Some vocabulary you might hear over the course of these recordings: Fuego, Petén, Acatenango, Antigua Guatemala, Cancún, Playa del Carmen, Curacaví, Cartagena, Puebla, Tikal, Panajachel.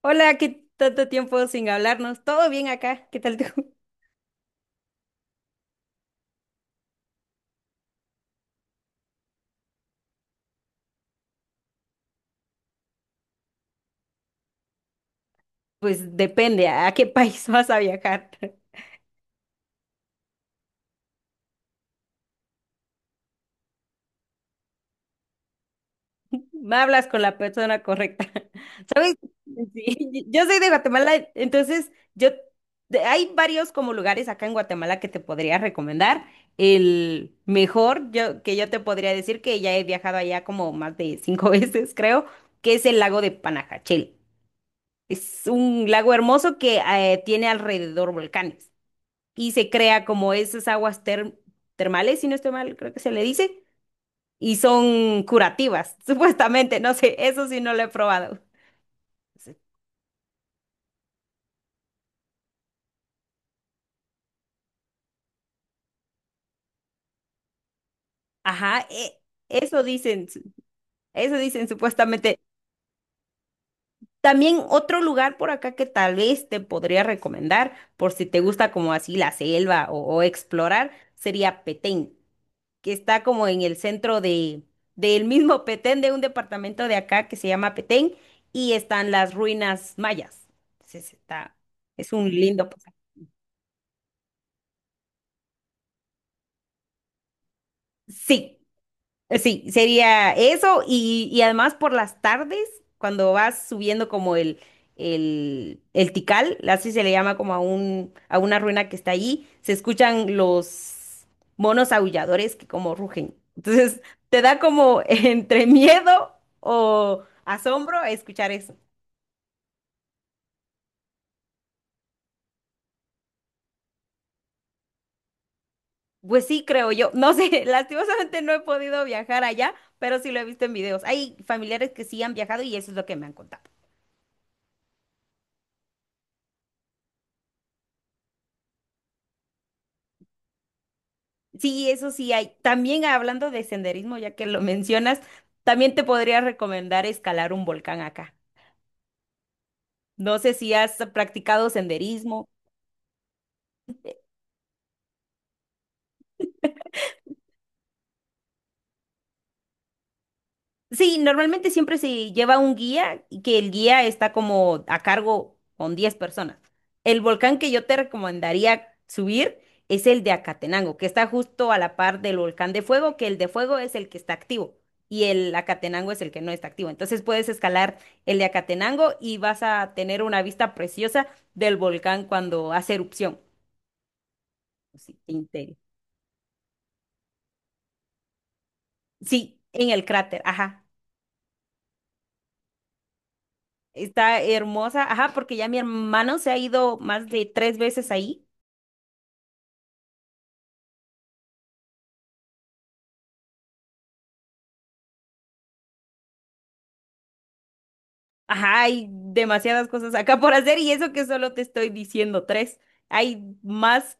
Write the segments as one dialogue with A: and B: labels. A: Hola, qué tanto tiempo sin hablarnos. ¿Todo bien acá? ¿Qué tal tú? Pues depende a qué país vas a viajar. Me hablas con la persona correcta. ¿Sabes? Sí, yo soy de Guatemala. Entonces hay varios como lugares acá en Guatemala que te podría recomendar. El mejor que yo te podría decir, que ya he viajado allá como más de cinco veces, creo, que es el lago de Panajachel. Es un lago hermoso que tiene alrededor volcanes. Y se crea como esas aguas termales, si no estoy mal, creo que se le dice, y son curativas, supuestamente. No sé, eso sí no lo he probado. Sí. Ajá, eso dicen, su- eso dicen supuestamente. También otro lugar por acá que tal vez te podría recomendar, por si te gusta como así la selva o explorar, sería Petén, que está como en el centro del mismo Petén, de un departamento de acá que se llama Petén, y están las ruinas mayas. Entonces está, es un lindo pasaje. Sí. Sí, sería eso y además por las tardes, cuando vas subiendo como el, Tikal, así se le llama como a una ruina que está allí, se escuchan los monos aulladores que como rugen. Entonces, te da como entre miedo o asombro a escuchar eso. Pues sí, creo yo. No sé, lastimosamente no he podido viajar allá, pero sí lo he visto en videos. Hay familiares que sí han viajado y eso es lo que me han contado. Sí, eso sí hay. También hablando de senderismo, ya que lo mencionas, también te podría recomendar escalar un volcán acá. No sé si has practicado senderismo. Sí, normalmente siempre se lleva un guía, y que el guía está como a cargo con 10 personas. El volcán que yo te recomendaría subir es el de Acatenango, que está justo a la par del volcán de Fuego, que el de Fuego es el que está activo y el Acatenango es el que no está activo. Entonces puedes escalar el de Acatenango y vas a tener una vista preciosa del volcán cuando hace erupción. Sí, te inter- sí, en el cráter, ajá. Está hermosa, ajá, porque ya mi hermano se ha ido más de tres veces ahí. Ajá, hay demasiadas cosas acá por hacer, y eso que solo te estoy diciendo tres. Hay más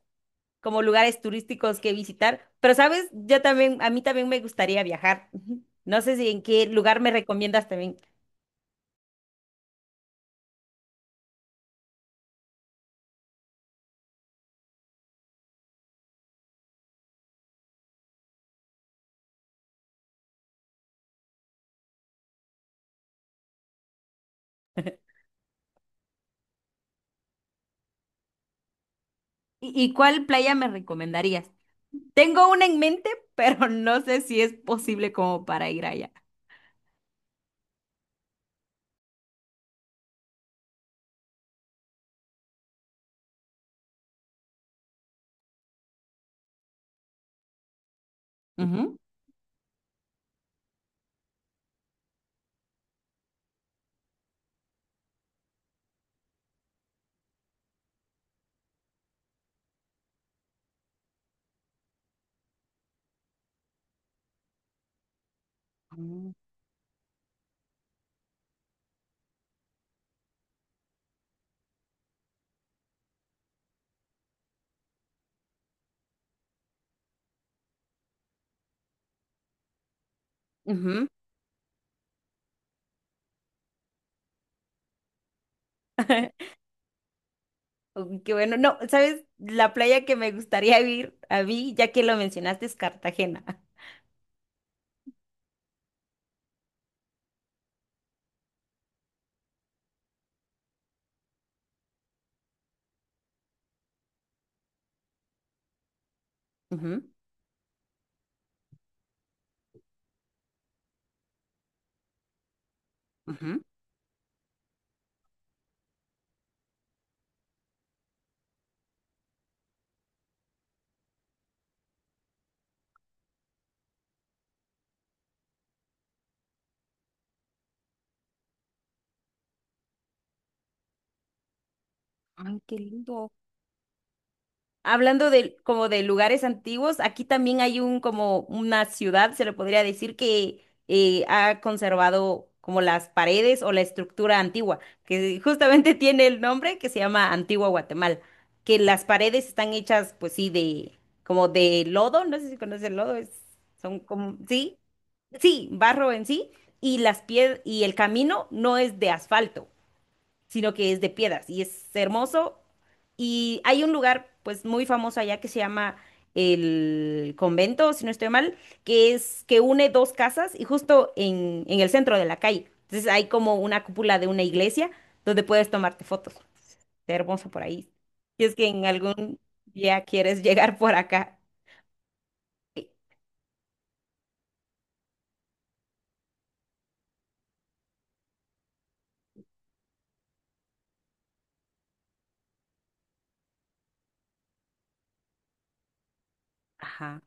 A: como lugares turísticos que visitar, pero sabes, yo también, a mí también me gustaría viajar. Ujú. No sé si en qué lugar me recomiendas también. ¿Y cuál playa me recomendarías? Tengo una en mente, pero no sé si es posible como para ir allá. Ujú. Ujú. Uy, qué bueno. No, ¿sabes? La playa que me gustaría ir a mí, ya que lo mencionaste, es Cartagena. Ujú, ujú. Ay, qué lindo. Hablando de como de lugares antiguos, aquí también hay un como una ciudad, se le podría decir, que ha conservado como las paredes o la estructura antigua, que justamente tiene el nombre, que se llama Antigua Guatemala, que las paredes están hechas, pues sí, de como de lodo. No sé si conoces el lodo, es, son como, sí, sí, barro en sí, y las piedras y el camino no es de asfalto, sino que es de piedras, y es hermoso. Y hay un lugar, pues, muy famoso allá que se llama el convento, si no estoy mal, que es que une dos casas y justo en el centro de la calle. Entonces hay como una cúpula de una iglesia donde puedes tomarte fotos. Está hermoso por ahí. Si es que en algún día quieres llegar por acá. Ajá.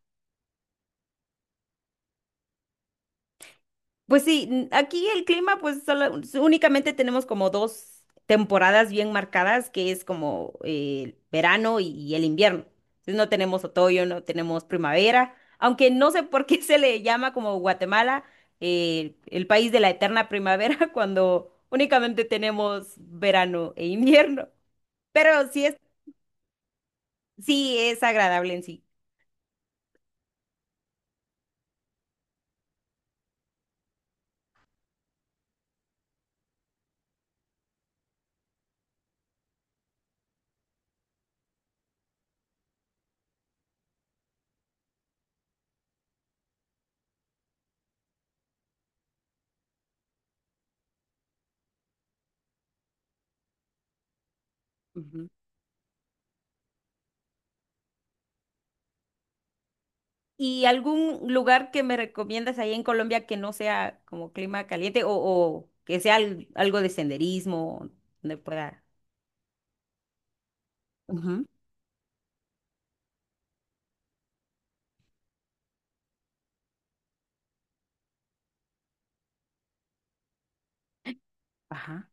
A: Pues sí, aquí el clima, pues únicamente tenemos como dos temporadas bien marcadas, que es como el verano y el invierno. Entonces no tenemos otoño, no tenemos primavera, aunque no sé por qué se le llama como Guatemala el país de la eterna primavera cuando únicamente tenemos verano e invierno. Pero sí es agradable en sí. ¿Y algún lugar que me recomiendas ahí en Colombia que no sea como clima caliente o que sea algo de senderismo donde pueda? Ujú, ajá.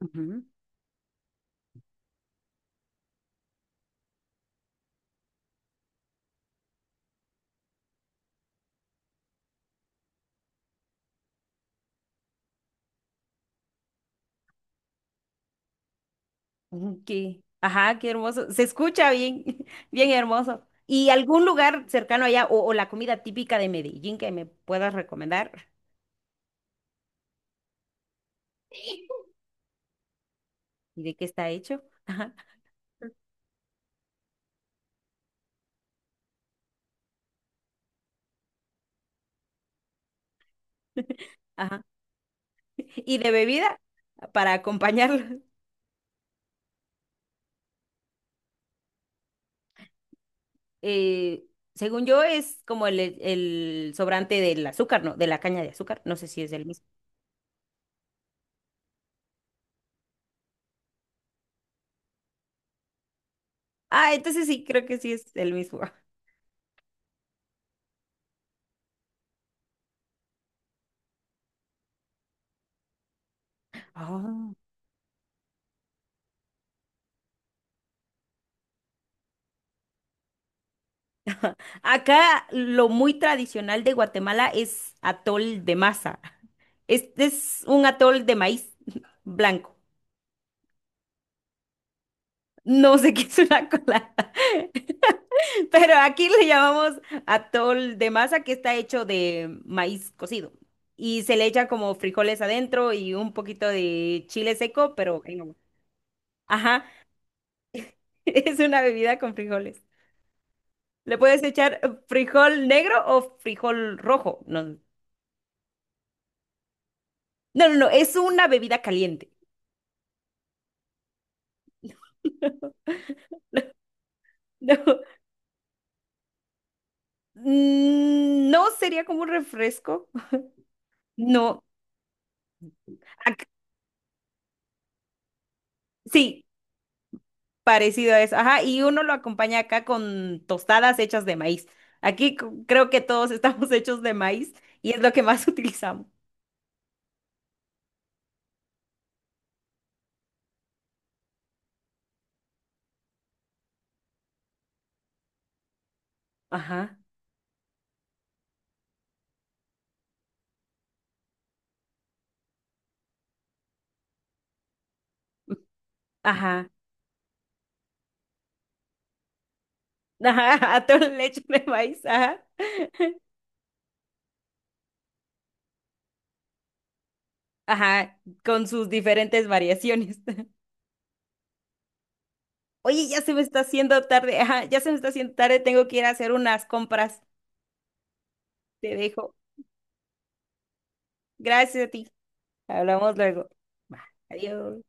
A: Ujú, ujú, ajá, qué hermoso. Se escucha bien, bien hermoso. ¿Y algún lugar cercano allá o la comida típica de Medellín que me puedas recomendar? ¿Y de qué está hecho? Ajá, ajá. ¿Y de bebida para acompañarlo? eh, según yo, es como el sobrante del azúcar, ¿no? De la caña de azúcar. No sé si es el mismo. Ah, entonces sí, creo que sí es el mismo. Ah. Acá lo muy tradicional de Guatemala es atol de masa. Este es un atol de maíz blanco. No sé qué es una colada, pero aquí le llamamos atol de masa, que está hecho de maíz cocido, y se le echa como frijoles adentro y un poquito de chile seco, pero en agua. Ajá, es una bebida con frijoles. Le puedes echar frijol negro o frijol rojo. No, no, no, no, es una bebida caliente. No, no sería como un refresco. No, ac- sí, parecido a eso. Ajá, y uno lo acompaña acá con tostadas hechas de maíz. Aquí creo que todos estamos hechos de maíz y es lo que más utilizamos. Ajá, ajá, ajá, atole leche de maíz, ajá, ajá, con sus diferentes variaciones. Oye, ya se me está haciendo tarde, ajá, ya se me está haciendo tarde, tengo que ir a hacer unas compras. Te dejo. Gracias a ti. Hablamos luego. Va, adiós.